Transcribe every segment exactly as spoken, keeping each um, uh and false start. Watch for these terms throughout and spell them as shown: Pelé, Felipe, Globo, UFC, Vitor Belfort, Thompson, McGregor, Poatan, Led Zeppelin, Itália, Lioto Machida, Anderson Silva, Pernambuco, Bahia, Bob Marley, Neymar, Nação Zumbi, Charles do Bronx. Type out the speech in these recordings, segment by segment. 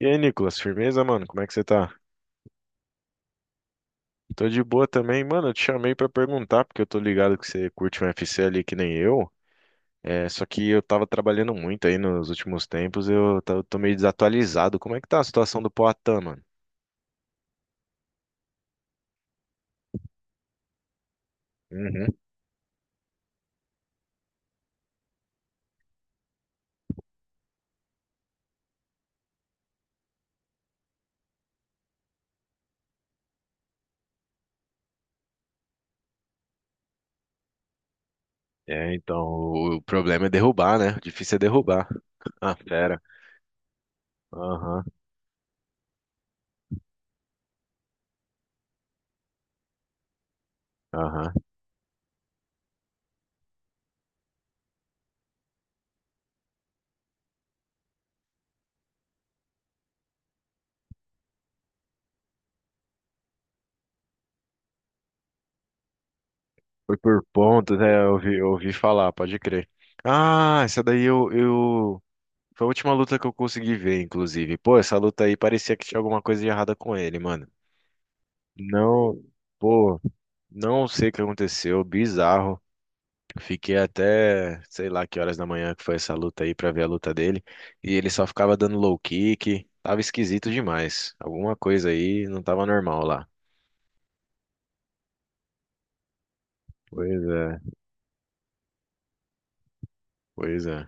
E aí, Nicolas, firmeza, mano? Como é que você tá? Tô de boa também, mano. Eu te chamei pra perguntar, porque eu tô ligado que você curte um U F C ali que nem eu. É, só que eu tava trabalhando muito aí nos últimos tempos, eu ta- tô meio desatualizado. Como é que tá a situação do Poatan, mano? Uhum. É, então, o problema é derrubar, né? O difícil é derrubar. Ah, fera. Aham, aham. Foi por pontos, né? Eu ouvi, eu ouvi falar, pode crer. Ah, essa daí eu, eu Foi a última luta que eu consegui ver, inclusive. Pô, essa luta aí parecia que tinha alguma coisa de errada com ele, mano. Não, pô, não sei o que aconteceu, bizarro. Fiquei até, sei lá que horas da manhã que foi essa luta aí pra ver a luta dele. E ele só ficava dando low kick, tava esquisito demais. Alguma coisa aí não tava normal lá. Pois é, pois é.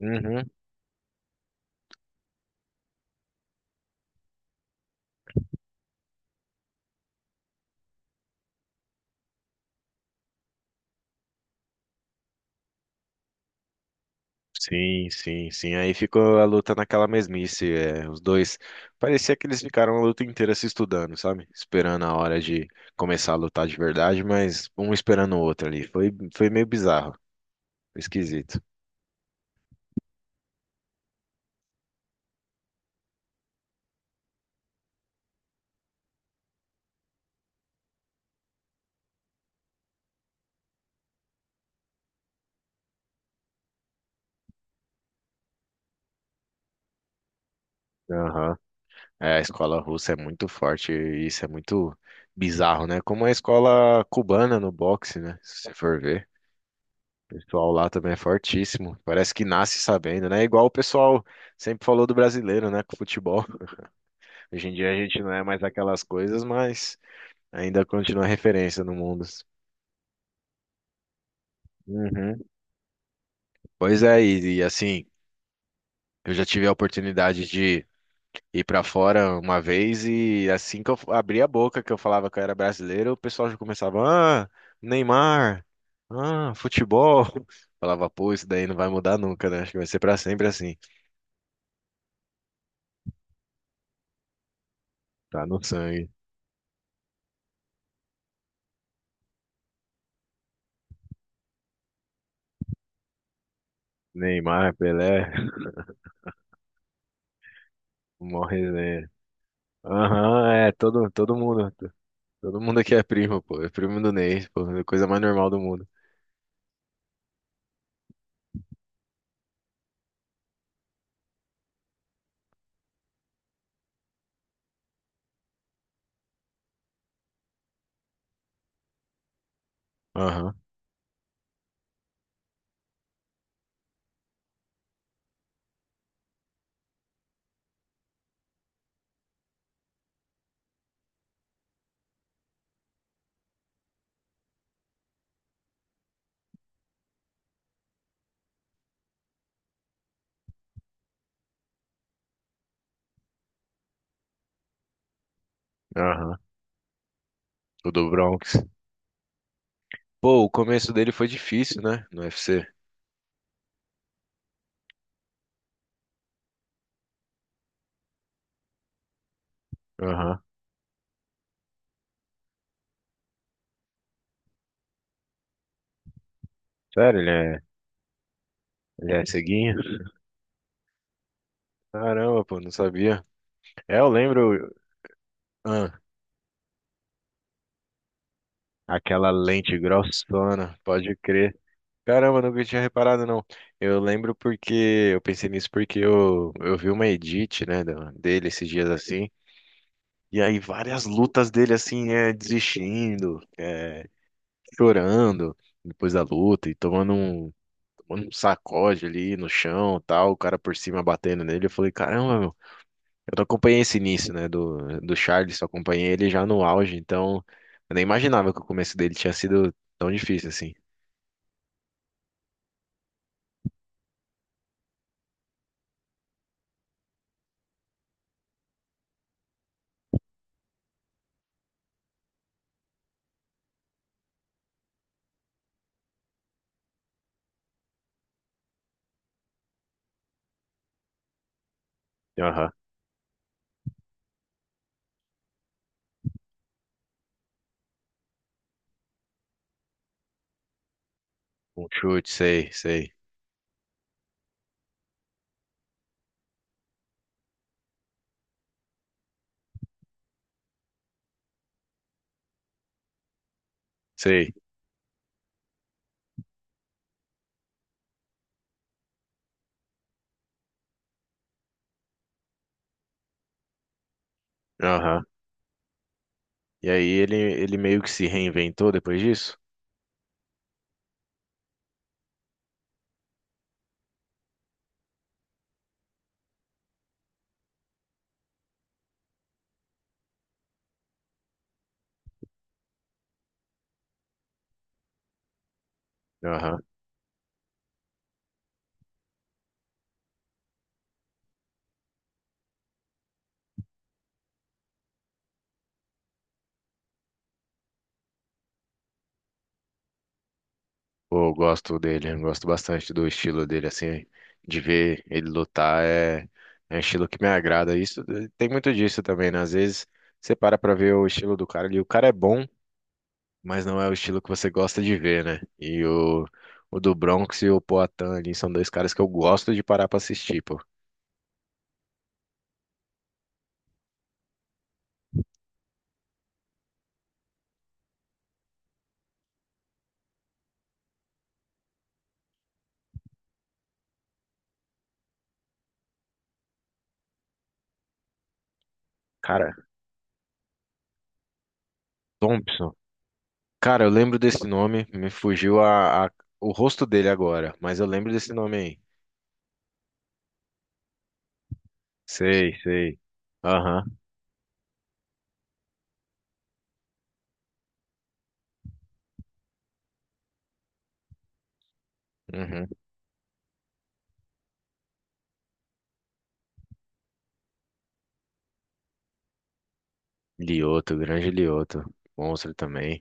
Uhum. Sim, sim, sim. Aí ficou a luta naquela mesmice. É, os dois. Parecia que eles ficaram a luta inteira se estudando, sabe? Esperando a hora de começar a lutar de verdade, mas um esperando o outro ali. Foi, foi meio bizarro, esquisito. Aham. É, a escola russa é muito forte e isso é muito bizarro, né? Como a escola cubana no boxe, né? Se você for ver. O pessoal lá também é fortíssimo. Parece que nasce sabendo, né? Igual o pessoal sempre falou do brasileiro, né? Com o futebol. Hoje em dia a gente não é mais aquelas coisas, mas ainda continua referência no mundo. Uhum. Pois é, e, e assim, eu já tive a oportunidade de ir pra fora uma vez e assim que eu abria a boca que eu falava que eu era brasileiro, o pessoal já começava, ah, Neymar, ah, futebol. Falava, pô, isso daí não vai mudar nunca, né? Acho que vai ser pra sempre assim. Tá no sangue. Neymar, Pelé, morre né. Aham, é, todo, todo mundo. Todo mundo aqui é primo, pô. É primo do Ney, pô. É a coisa mais normal do mundo. Aham, aham. O do Bronx. Pô, o começo dele foi difícil, né? No U F C. Aham. Sério, ele é, ele é ceguinho? Caramba, pô, não sabia. É, eu lembro, ah, aquela lente grossona, pode crer. Caramba, nunca tinha reparado, não. Eu lembro porque, eu pensei nisso porque eu, eu vi uma edit, né, da- dele esses dias assim, e aí várias lutas dele assim, é, desistindo, é, chorando depois da luta e tomando um, tomando um sacode ali no chão, tal, o cara por cima batendo nele. Eu falei, caramba, eu não acompanhei esse início, né, do, do Charles, só acompanhei ele já no auge, então eu nem imaginava que o começo dele tinha sido tão difícil assim. Aham. Um chute, sei, sei, sei. Aham. E aí ele, ele meio que se reinventou depois disso? Aham. Pô, eu gosto dele, eu gosto bastante do estilo dele, assim, de ver ele lutar é, é um estilo que me agrada. Isso tem muito disso também, né? Às vezes você para pra ver o estilo do cara e o cara é bom, mas não é o estilo que você gosta de ver, né? E o, o do Bronx e o Poatan ali são dois caras que eu gosto de parar pra assistir, pô. Cara, Thompson. Cara, eu lembro desse nome, me fugiu a, a- o rosto dele agora, mas eu lembro desse nome aí. Sei, sei. Aham, uhum. Lioto, grande Lioto. Monstro também.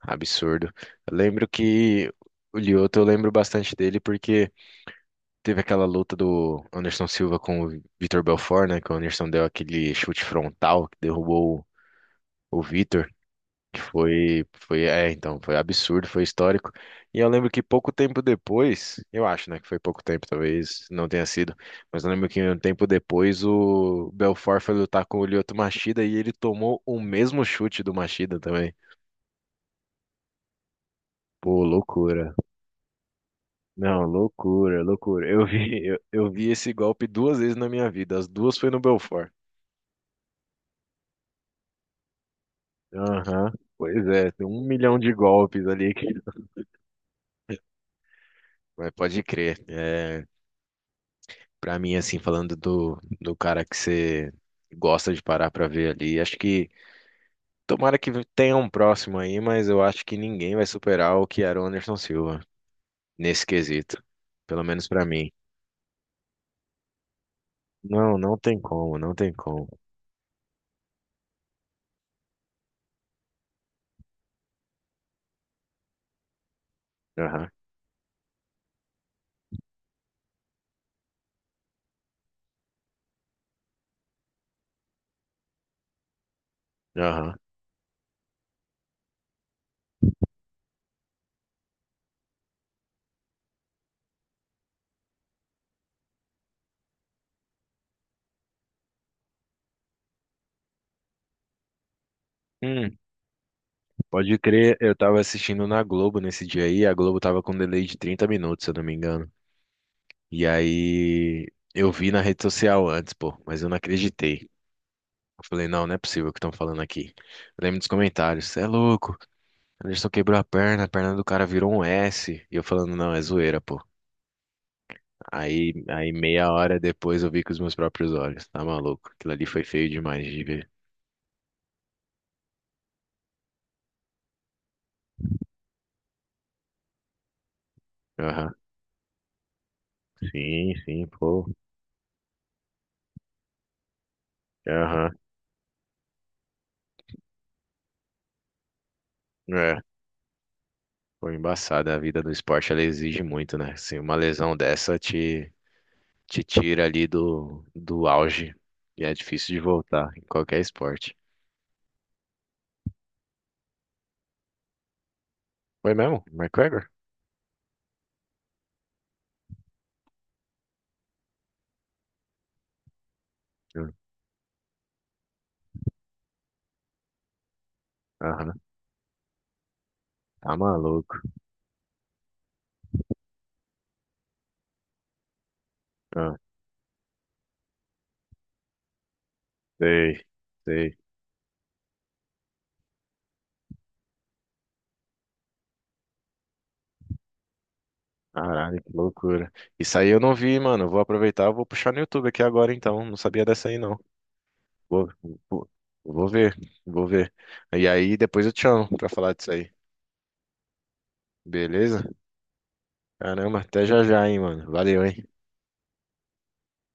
Absurdo. Eu lembro que o Lioto, eu lembro bastante dele porque. Teve aquela luta do Anderson Silva com o Vitor Belfort, né? Que o Anderson deu aquele chute frontal que derrubou o, o Vitor, que foi, foi, é, então, foi absurdo, foi histórico. E eu lembro que pouco tempo depois, eu acho, né, que foi pouco tempo, talvez não tenha sido, mas eu lembro que um tempo depois o Belfort foi lutar com o Lyoto Machida e ele tomou o mesmo chute do Machida também. Pô, loucura. Não, loucura, loucura. Eu vi, eu, eu vi esse golpe duas vezes na minha vida. As duas foi no Belfort. Aham. Pois é, tem um milhão de golpes ali que. Mas pode crer. É, para mim, assim, falando do, do cara que você gosta de parar pra ver ali, acho que tomara que tenha um próximo aí, mas eu acho que ninguém vai superar o que era o Anderson Silva nesse quesito. Pelo menos pra mim. Não, não tem como, não tem como. Aham, aham. Hum, pode crer, eu tava assistindo na Globo nesse dia aí, a Globo tava com um delay de trinta minutos, se eu não me engano. E aí eu vi na rede social antes, pô, mas eu não acreditei. Eu falei, não, não é possível o que estão falando aqui. Eu lembro dos comentários, você é louco, Anderson quebrou a perna, a perna do cara virou um S. E eu falando, não, é zoeira, pô. Aí, aí meia hora depois eu vi com os meus próprios olhos, tá maluco? Aquilo ali foi feio demais de ver. Aham. Sim, sim, pô. Aham. É, foi embaçada. A vida do esporte, ela exige muito, né? Assim, uma lesão dessa te, te tira ali do, do auge e é difícil de voltar em qualquer esporte. Foi mesmo? McGregor? Hum. Aham. Tá maluco. Ah, sei, sei. Caralho, que loucura. Isso aí eu não vi, mano. Eu vou aproveitar, eu vou puxar no YouTube aqui agora então. Não sabia dessa aí não. Vou, vou, vou ver, vou ver. E aí depois eu te chamo pra falar disso aí. Beleza? Caramba, até já já, hein, mano. Valeu, hein.